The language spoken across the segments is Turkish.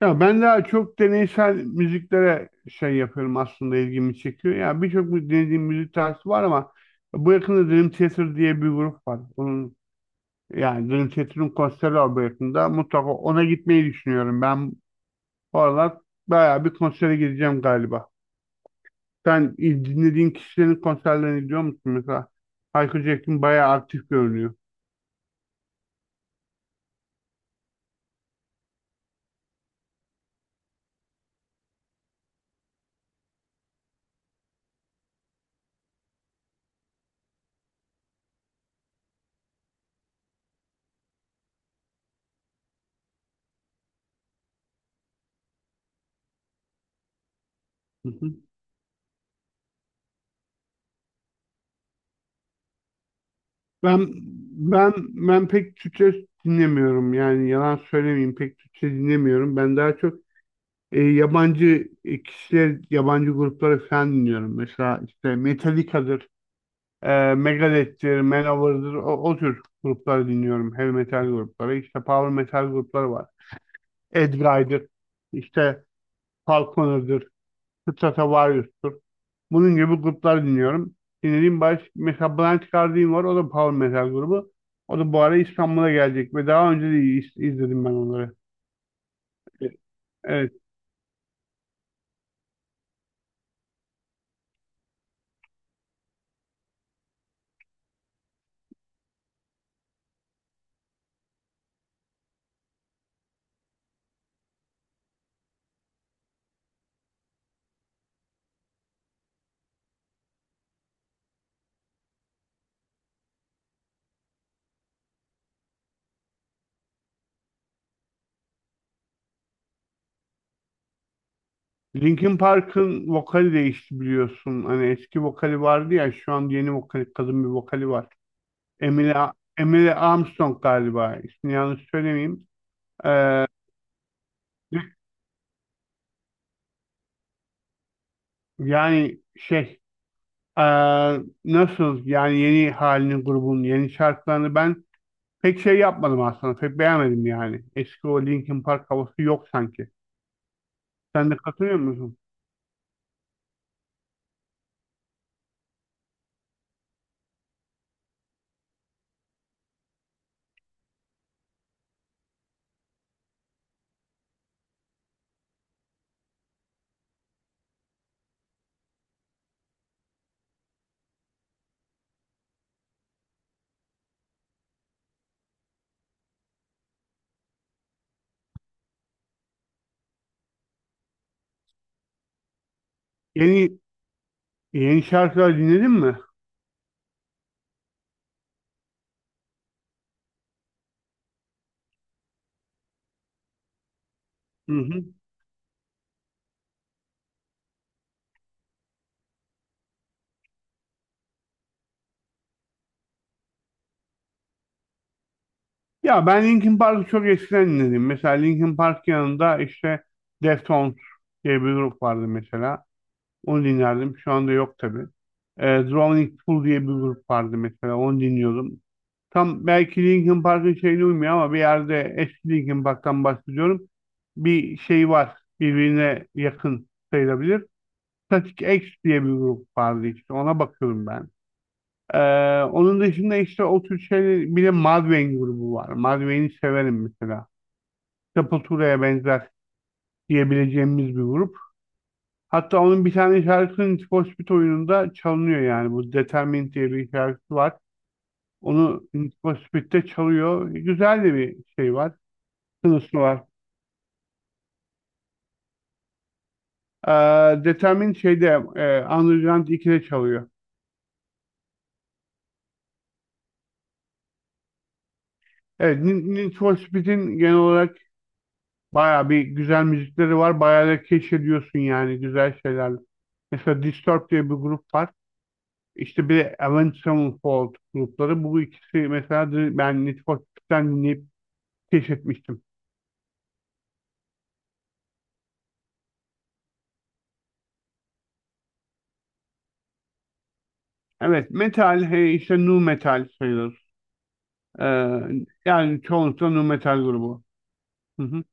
Ya ben daha çok deneysel müziklere şey yapıyorum aslında, ilgimi çekiyor. Ya dinlediğim müzik tarzı var ama bu yakında Dream Theater diye bir grup var. Onun yani Dream Theater'ın konseri var bu yakında. Mutlaka ona gitmeyi düşünüyorum. Ben bu aralar bayağı bir konsere gideceğim galiba. Sen dinlediğin kişilerin konserlerine gidiyor musun mesela? Hayko Cepkin bayağı aktif görünüyor. Hı hı. Ben ben pek Türkçe dinlemiyorum, yani yalan söylemeyeyim, pek Türkçe dinlemiyorum. Ben daha çok yabancı kişiler, yabancı grupları falan dinliyorum. Mesela işte Metallica'dır, Megadeth'tir, Manowar'dır, o tür grupları dinliyorum. Heavy metal grupları. İşte power metal grupları var. Edguy'dır, işte Falconer'dır, Stratovarius'tur. Bunun gibi grupları dinliyorum. Mesela Blind Guardian var, o da power metal grubu. O da bu ara İstanbul'a gelecek ve daha önce de izledim ben onları. Evet. Linkin Park'ın vokali değişti biliyorsun. Hani eski vokali vardı ya, şu an yeni vokali, kadın bir vokali var. Emily, Emily Armstrong galiba. İsmini yanlış söylemeyeyim. Ee, yani ee, nasıl yani, yeni halini, grubun yeni şarkılarını ben pek şey yapmadım aslında. Pek beğenmedim yani. Eski o Linkin Park havası yok sanki. Sen de katılıyor musun? Yeni yeni şarkılar dinledin mi? Hı hı. Ya ben Linkin Park'ı çok eskiden dinledim. Mesela Linkin Park yanında işte Deftones diye bir grup vardı mesela. Onu dinlerdim. Şu anda yok tabii. E, Drowning Pool diye bir grup vardı mesela. Onu dinliyordum. Tam belki Linkin Park'ın şeyine uymuyor ama bir yerde eski Linkin Park'tan bahsediyorum. Bir şey var. Birbirine yakın sayılabilir. Static X diye bir grup vardı işte. Ona bakıyorum ben. E, onun dışında işte o tür şeyler, bir de Mudvayne grubu var. Mudvayne'i severim mesela. Sepultura'ya benzer diyebileceğimiz bir grup. Hatta onun bir tane şarkısının Need for Speed oyununda çalınıyor yani. Bu Determined diye bir şarkısı var. Onu Need for Speed'de çalıyor. Güzel de bir şey var. Sınıfı var. Determined şeyde Underground 2'de çalıyor. Evet, Need for Speed'in genel olarak bayağı bir güzel müzikleri var. Bayağı da keşfediyorsun yani güzel şeyler. Mesela Disturbed diye bir grup var. İşte bir de Avenged Sevenfold grupları. Bu ikisi mesela ben Need for Speed'den dinleyip keşfetmiştim. Evet, metal, işte nu metal sayılır. Ee, yani çoğunlukla nu metal grubu. Hı hı.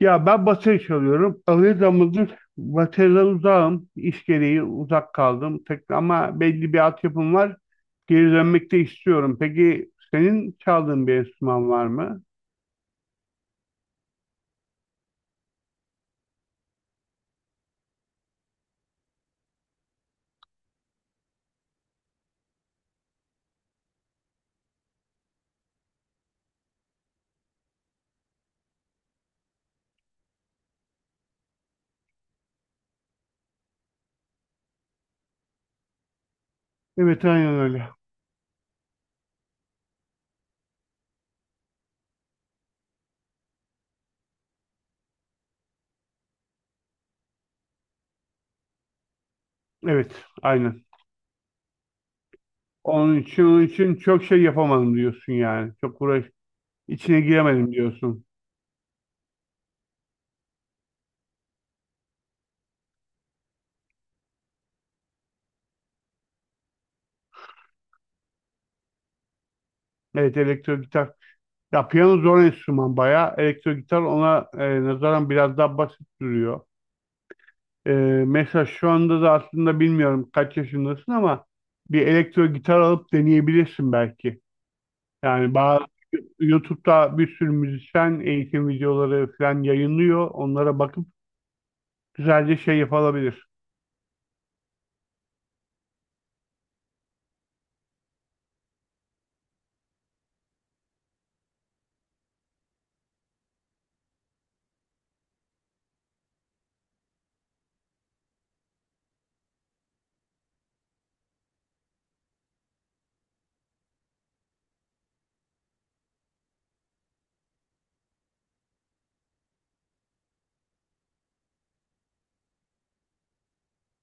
Ya ben bateri çalıyorum. Ağır zamandır bateriden uzağım. İş gereği uzak kaldım. Tek, ama belli bir altyapım var. Geri dönmek de istiyorum. Peki senin çaldığın bir enstrüman var mı? Evet, aynen öyle. Evet, aynen. Onun için çok şey yapamadım diyorsun yani. Çok uğraş, içine giremedim diyorsun. Evet, elektro gitar. Ya piyano zor enstrüman bayağı. Elektro gitar ona nazaran biraz daha basit duruyor. E, mesela şu anda da aslında bilmiyorum kaç yaşındasın ama bir elektro gitar alıp deneyebilirsin belki. Yani bazı YouTube'da bir sürü müzisyen eğitim videoları falan yayınlıyor. Onlara bakıp güzelce şey yapılabilir.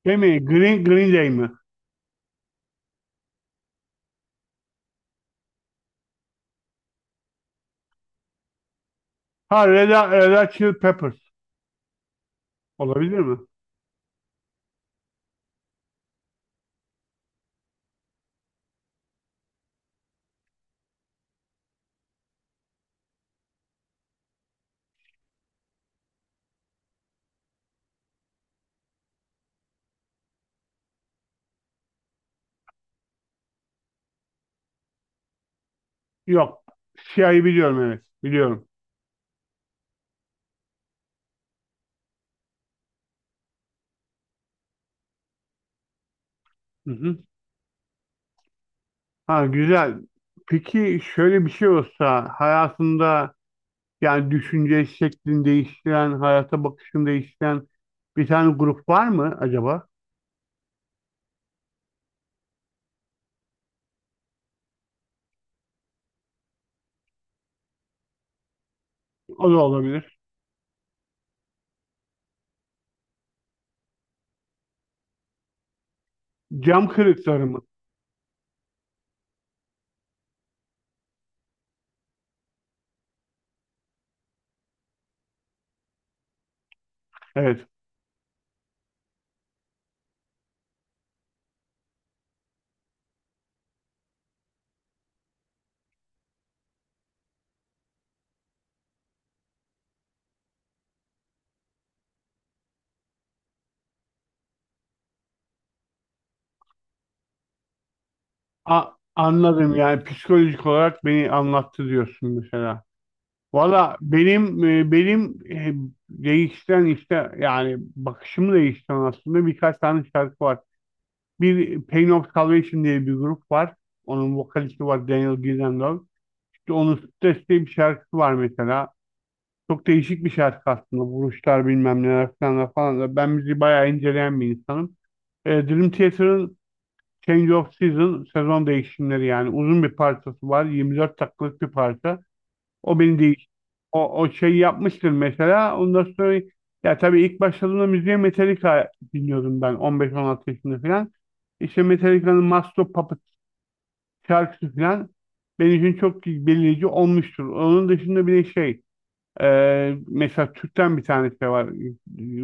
Değil mi? Green Day mi? Ha Red Hot Chili Peppers. Olabilir mi? Yok. Siyahı biliyorum, evet. Biliyorum. Hı hı. Ha güzel. Peki şöyle bir şey olsa hayatında, yani düşünce şeklini değiştiren, hayata bakışını değiştiren bir tane grup var mı acaba? O da olabilir. Cam kırıkları mı? Evet. A- anladım, yani psikolojik olarak beni anlattı diyorsun mesela. Valla değiştiren işte yani bakışımı değiştiren aslında birkaç tane şarkı var. Bir Pain of Salvation diye bir grup var. Onun vokalisti var, Daniel Gillenlow. İşte onun Stress diye bir şarkısı var mesela. Çok değişik bir şarkı aslında. Vuruşlar bilmem neler falan falan da. Ben müziği bayağı inceleyen bir insanım. E, Dream Theater'ın Change of Season, sezon değişimleri yani, uzun bir parçası var. 24 dakikalık bir parça. O beni değil. O şeyi yapmıştır mesela. Ondan sonra ya tabii ilk başladığımda müziğe Metallica dinliyordum, ben 15-16 yaşında falan. İşte Metallica'nın Master of Puppets şarkısı falan benim için çok belirleyici olmuştur. Onun dışında bir de şey, mesela Türk'ten bir tanesi de var.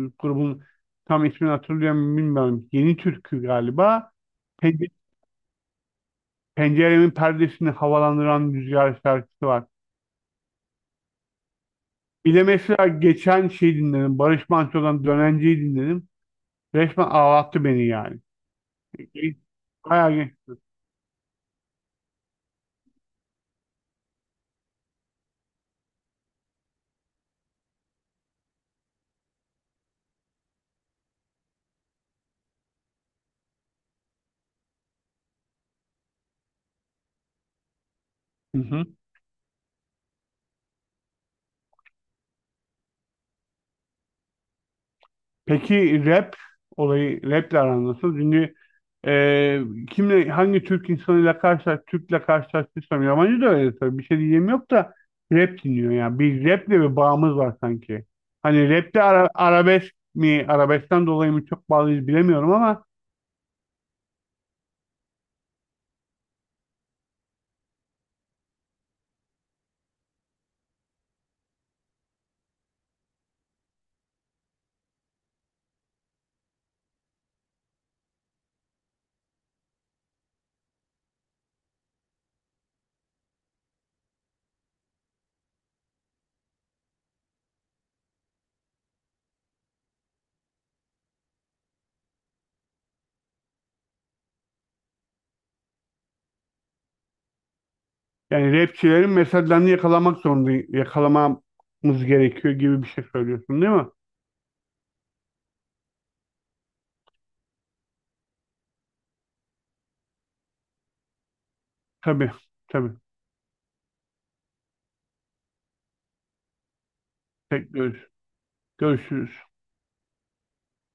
E, grubun tam ismini hatırlıyorum bilmiyorum. Yeni Türkü galiba. Pence- Penceremin perdesini havalandıran rüzgar şarkısı var. Bir de mesela geçen şey dinledim. Barış Manço'dan Dönenci'yi dinledim. Resmen ağlattı beni yani. Bayağı ge- Hı hı. Peki rap olayı, raple aran nasıl? Çünkü e, kimle, hangi Türk insanıyla karşılaş, Türk'le karşılaştıysam, yabancı da öyle tabii, bir şey diyeyim yok da, rap dinliyor ya. Bir raple bir bağımız var sanki. Hani rapte arabesk mi, arabeskten dolayı mı çok bağlıyız bilemiyorum ama Yani rapçilerin mesajlarını yakalamak zorunda, yakalamamız gerekiyor gibi bir şey söylüyorsun değil mi? Tabii, tabii. Tek görüş. Görüşürüz.